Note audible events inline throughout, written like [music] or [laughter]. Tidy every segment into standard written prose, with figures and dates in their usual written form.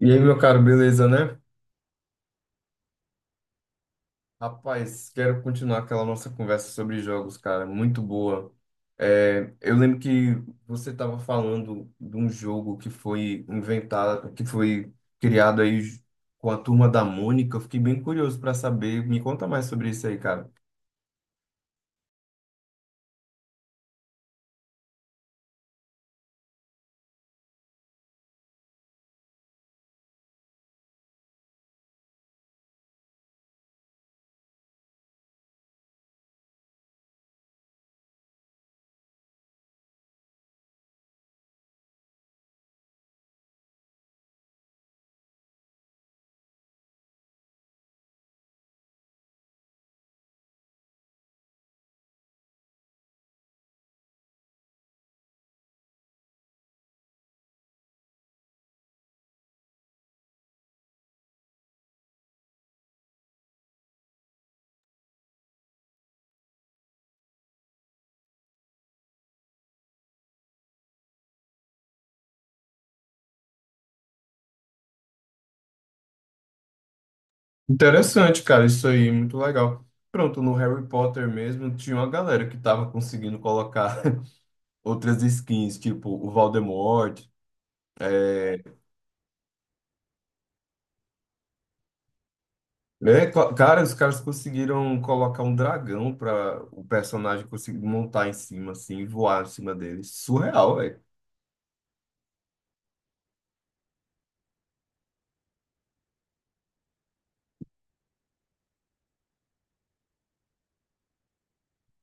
E aí, meu caro, beleza, né? Rapaz, quero continuar aquela nossa conversa sobre jogos, cara, muito boa. É, eu lembro que você estava falando de um jogo que foi inventado, que foi criado aí com a turma da Mônica. Eu fiquei bem curioso para saber. Me conta mais sobre isso aí, cara. Interessante, cara, isso aí, muito legal. Pronto, no Harry Potter mesmo tinha uma galera que estava conseguindo colocar [laughs] outras skins, tipo o Voldemort. é, cara, os caras conseguiram colocar um dragão para o personagem conseguir montar em cima, assim, e voar em cima dele. Surreal, velho.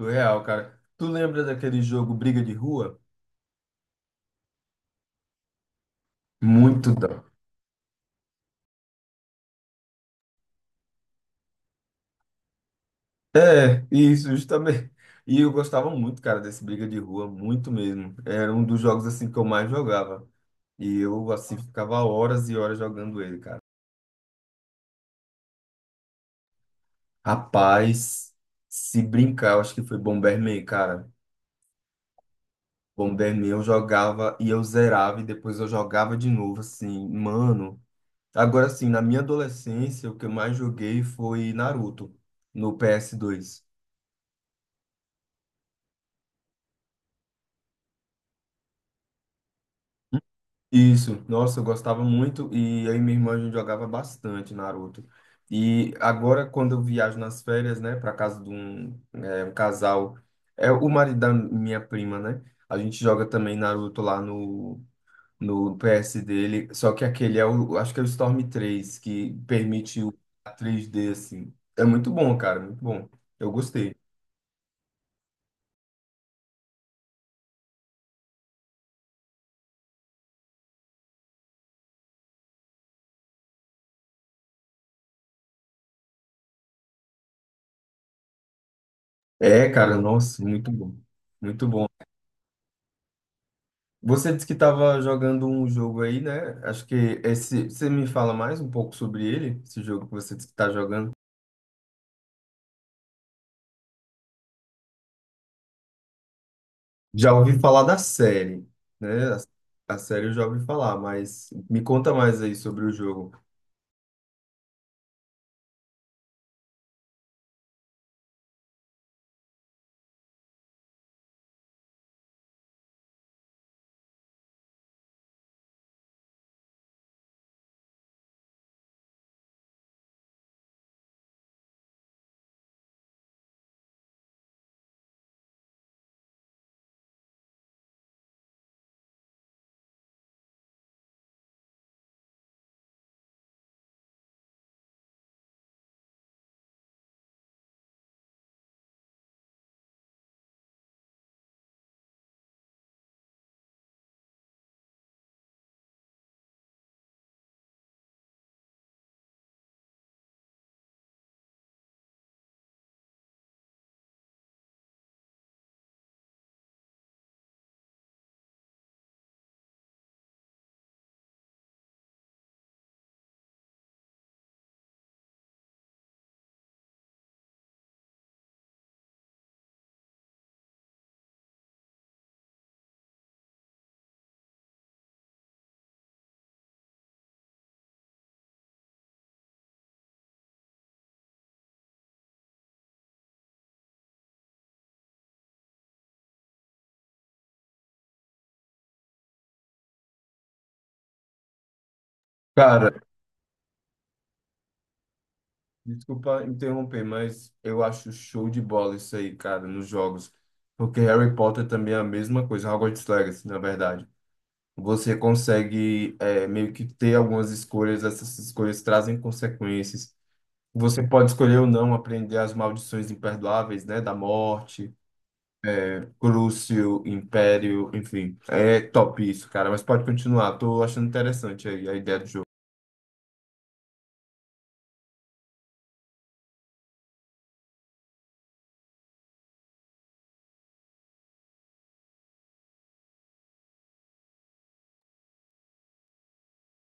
Surreal, cara. Tu lembra daquele jogo Briga de Rua? Muito da. É, isso, justamente. E eu gostava muito, cara, desse Briga de Rua, muito mesmo. Era um dos jogos, assim, que eu mais jogava. E eu, assim, ficava horas e horas jogando ele, cara. Rapaz, se brincar, eu acho que foi Bomberman, cara. Bomberman eu jogava e eu zerava e depois eu jogava de novo, assim, mano. Agora sim, na minha adolescência, o que eu mais joguei foi Naruto no PS2. Isso, nossa, eu gostava muito e aí minha irmã a gente jogava bastante Naruto. E agora quando eu viajo nas férias, né, para casa de um, um casal, é o marido da minha prima, né? A gente joga também Naruto lá no PS dele, só que aquele é o, acho que é o Storm 3 que permite o 3D assim. É muito bom, cara, muito bom. Eu gostei. É, cara, nossa, muito bom. Muito bom. Você disse que estava jogando um jogo aí, né? Acho que esse. Você me fala mais um pouco sobre ele, esse jogo que você disse que está jogando. Já ouvi falar da série, né? A série eu já ouvi falar, mas me conta mais aí sobre o jogo. Cara, desculpa interromper, mas eu acho show de bola isso aí, cara, nos jogos. Porque Harry Potter também é a mesma coisa, Hogwarts Legacy, na verdade. Você consegue meio que ter algumas escolhas, essas escolhas trazem consequências. Você pode escolher ou não aprender as maldições imperdoáveis, né? Da morte, Crucio, Império, enfim. É top isso, cara, mas pode continuar. Tô achando interessante aí a ideia do jogo.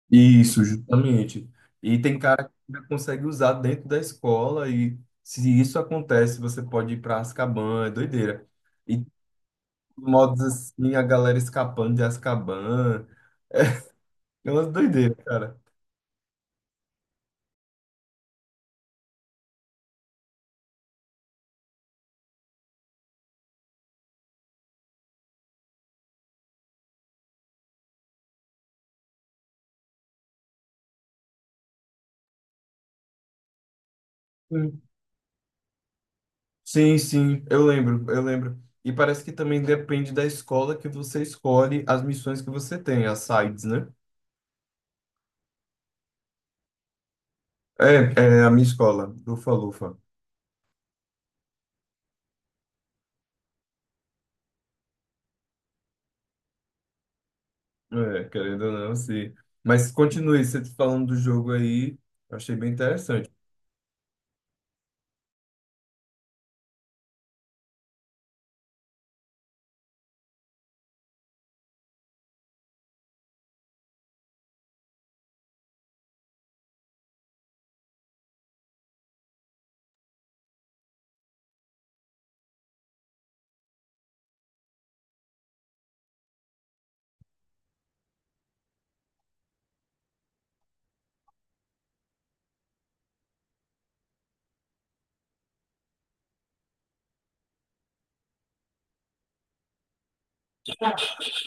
Isso, justamente. E tem cara que já consegue usar dentro da escola e se isso acontece, você pode ir para Azkaban, é doideira. E modos assim, a galera escapando de Azkaban, é uma doideira, cara. Sim, sim, sim, eu lembro, eu lembro. E parece que também depende da escola que você escolhe as missões que você tem, as sides, né? É, é a minha escola, lufa Lufa. É, querendo ou não, sim. Mas continue, você falando do jogo aí, eu achei bem interessante.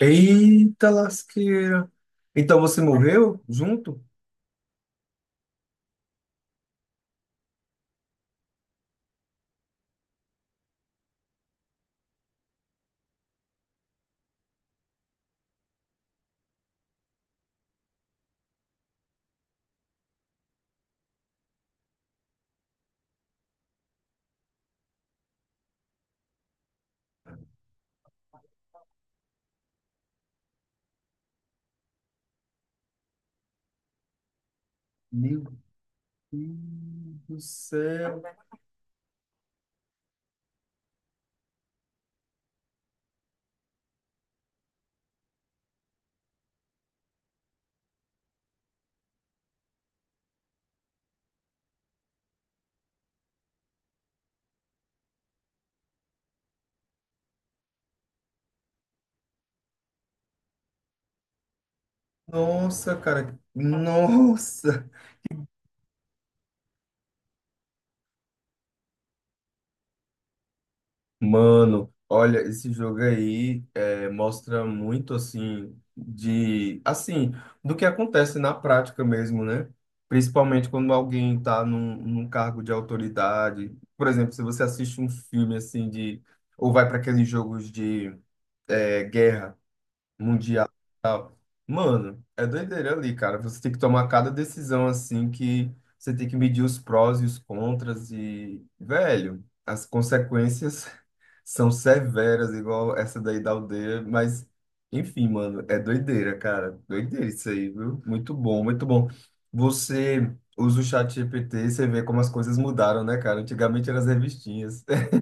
Eita lasqueira. Então você morreu junto? Meu Deus do céu. Nossa, cara. Nossa. Mano, olha, esse jogo aí mostra muito assim de assim do que acontece na prática mesmo, né? Principalmente quando alguém está num cargo de autoridade. Por exemplo, se você assiste um filme assim de ou vai para aqueles jogos de guerra. Mundial. E tal. Mano, é doideira ali, cara. Você tem que tomar cada decisão assim que você tem que medir os prós e os contras e, velho, as consequências [laughs] são severas, igual essa daí da aldeia, mas enfim, mano, é doideira, cara. Doideira isso aí, viu? Muito bom, muito bom. Você usa o chat GPT e você vê como as coisas mudaram, né, cara? Antigamente eram as revistinhas. [laughs]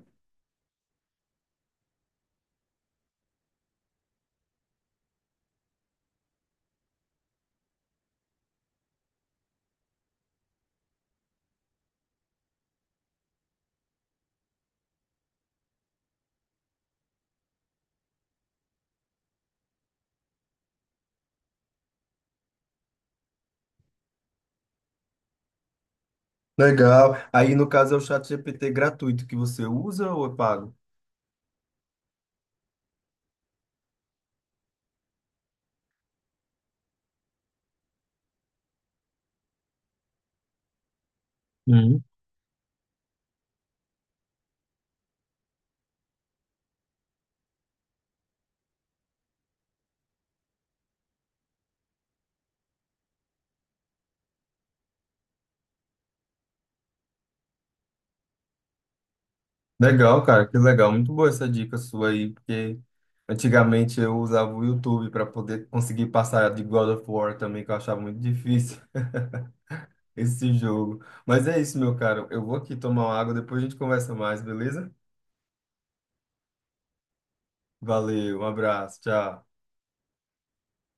Legal. Aí, no caso, é o chat GPT gratuito que você usa ou é pago? Legal, cara, que legal. Muito boa essa dica sua aí, porque antigamente eu usava o YouTube para poder conseguir passar de God of War também, que eu achava muito difícil [laughs] esse jogo. Mas é isso, meu caro. Eu vou aqui tomar uma água, depois a gente conversa mais, beleza? Valeu, um abraço, tchau.